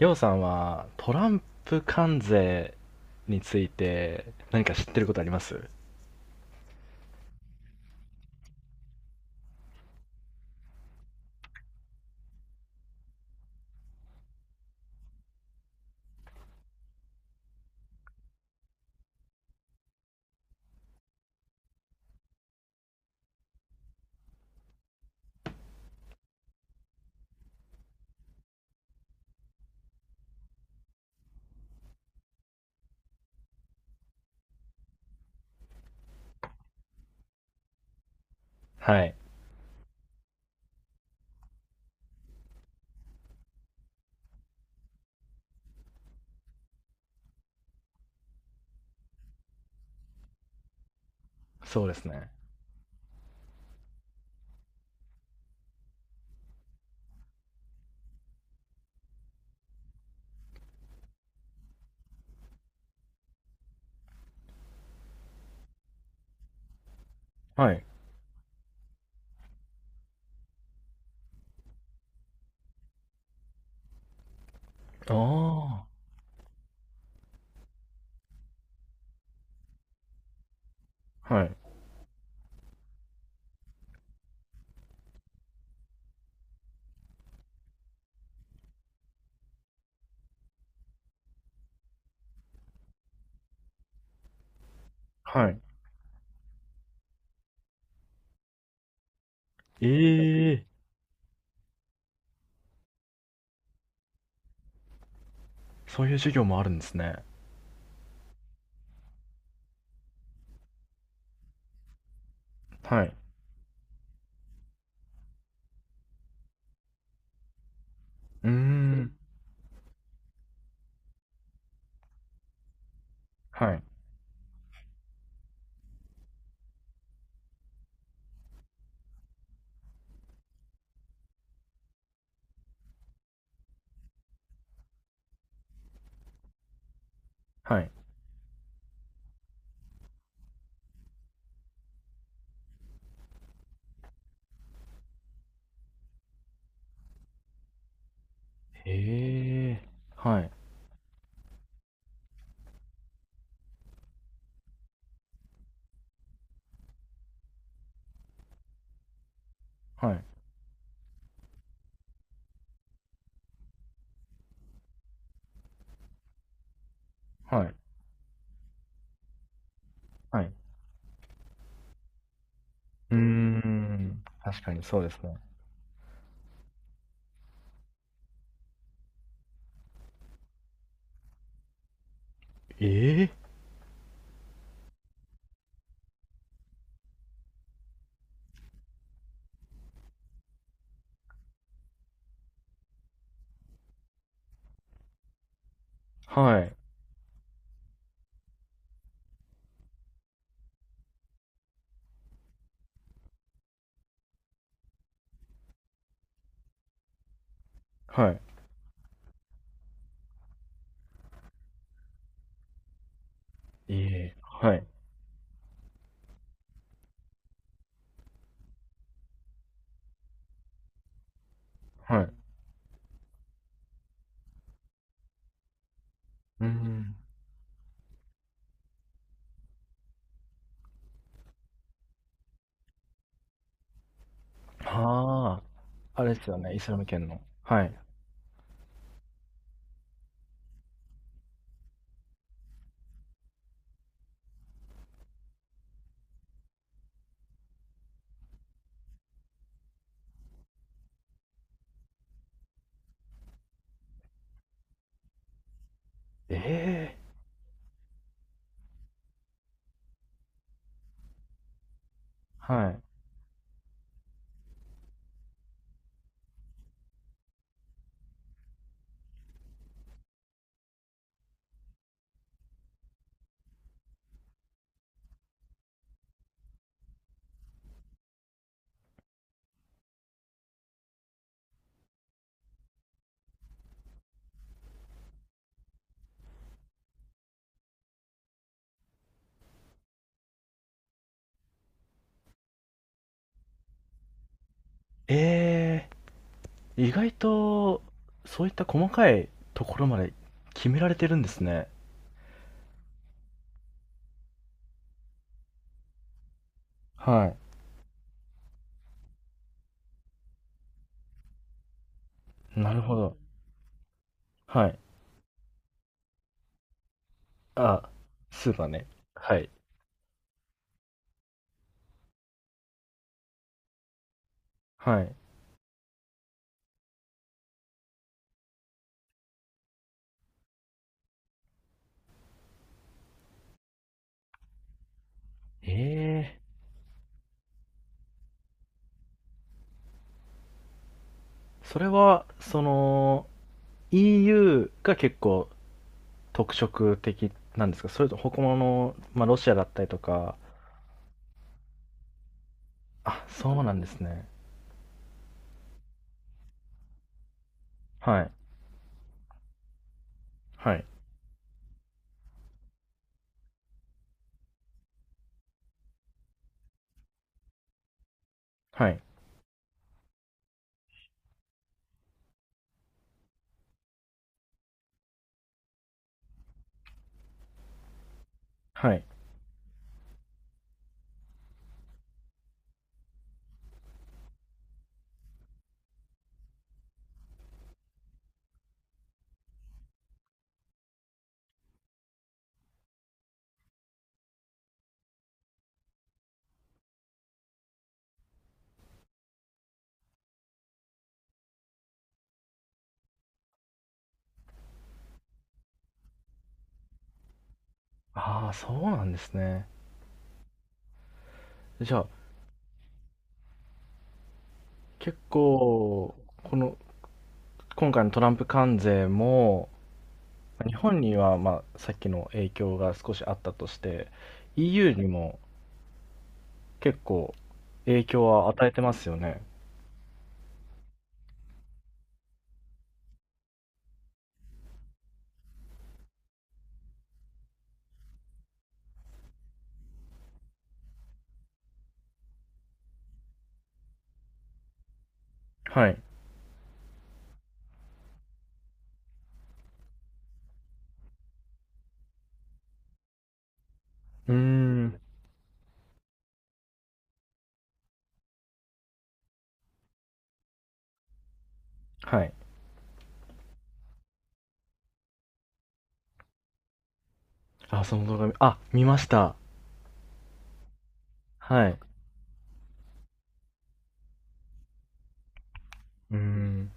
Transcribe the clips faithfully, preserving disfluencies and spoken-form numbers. りょうさんはトランプ関税について何か知ってることあります？はい。そうですね。はい。ああ。はい。はい。ええ、そういう授業もあるんですね。はい。うーん。はい。はい。ええ、はい。はい。はい。はい。うーん。確かにそうですね。ええ、はい。はい。ええ、はい。はい。うーん。ああ。あれですよね。イスラム圏の。はい。え、はい。え、ええ、意外と、そういった細かいところまで決められてるんですね。はい。なるほど。はい。あ、スーパーね。はい。はい。ええ、それは、その、エーユー が結構特色的なんですか？それと他の、まあ、ロシアだったりとか、あ、そうなんですね。はい。はい。はい。はい。ああ、そうなんですね。じゃあ、結構、この今回のトランプ関税も、日本にはまあさっきの影響が少しあったとして、エーユー にも結構影響は与えてますよね。はい。うーん。はい。あ、その動画見、あ、見ました。はい。うーん。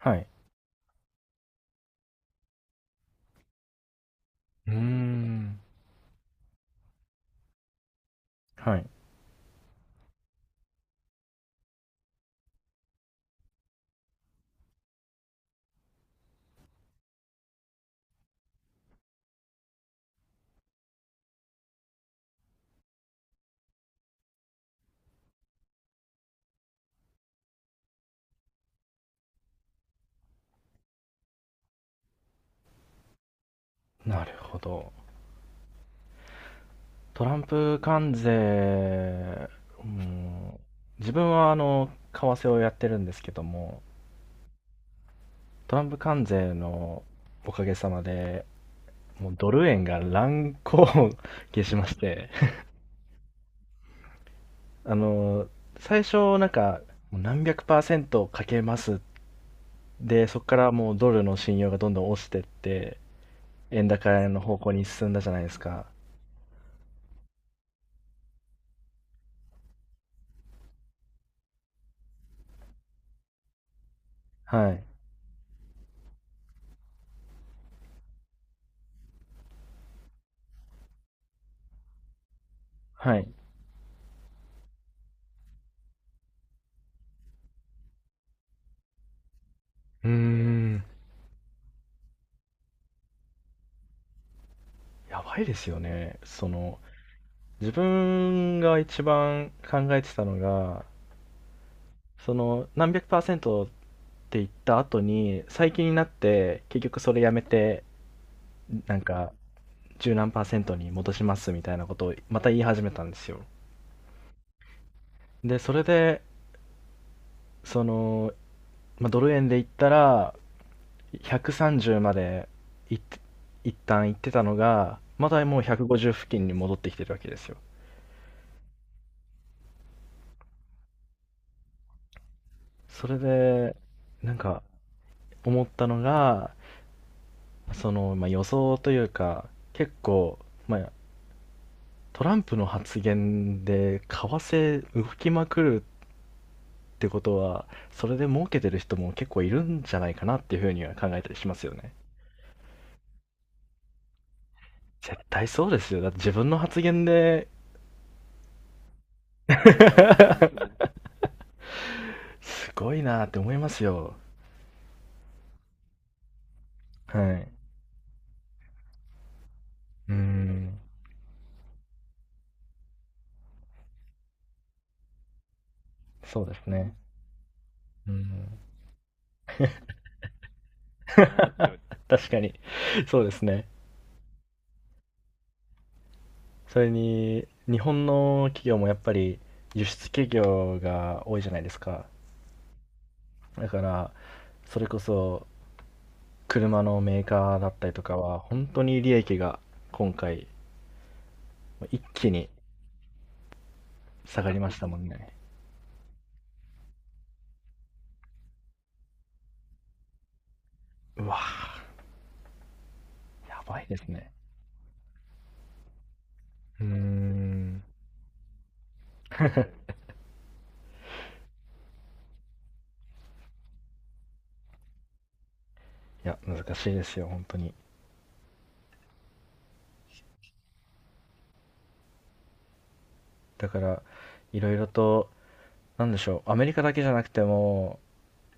はい。うーん。はい。なるほど。トランプ関税、うん、自分はあの、為替をやってるんですけども、トランプ関税のおかげさまで、もうドル円が乱高下しまして、あの、最初なんか、もう何百パーセントかけます。で、そこからもうドルの信用がどんどん落ちてって、円高の方向に進んだじゃないですか。はい。はい。うーん。やばいですよね。その、自分が一番考えてたのが、その、何百パーセントって言った後に、最近になって、結局それやめて、なんか、十何パーセントに戻しますみたいなことをまた言い始めたんですよ。で、それで、その、まあ、ドル円で言ったらひゃくさんじゅうまでいっ一旦行ってたのがまだもうひゃくごじゅう付近に戻ってきてるわけですよ。それで、なんか思ったのが、その、まあ、予想というか結構、まあ、トランプの発言で為替動きまくるってことは、それで儲けてる人も結構いるんじゃないかなっていうふうには考えたりしますよね。絶対そうですよ。だって自分の発言で、すごいなって思いますよ。はい。うーん、そうですね。うん、確かに。そうですね。それに、日本の企業もやっぱり輸出企業が多いじゃないですか。だから、それこそ車のメーカーだったりとかは、本当に利益が今回、一気に下がりましたもんね。うわーやばいですね。うーん。いや、難しいですよ、本当に。だから、いろいろと、なんでしょう、アメリカだけじゃなくても、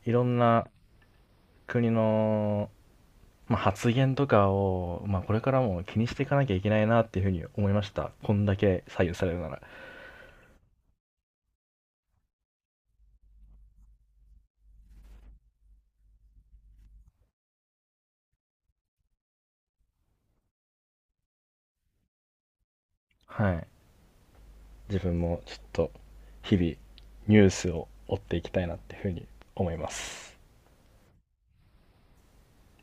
いろんな国の、まあ、発言とかを、まあ、これからも気にしていかなきゃいけないなっていうふうに思いました。こんだけ左右されるなら。はい。自分もちょっと、日々、ニュースを追っていきたいなっていうふうに思います。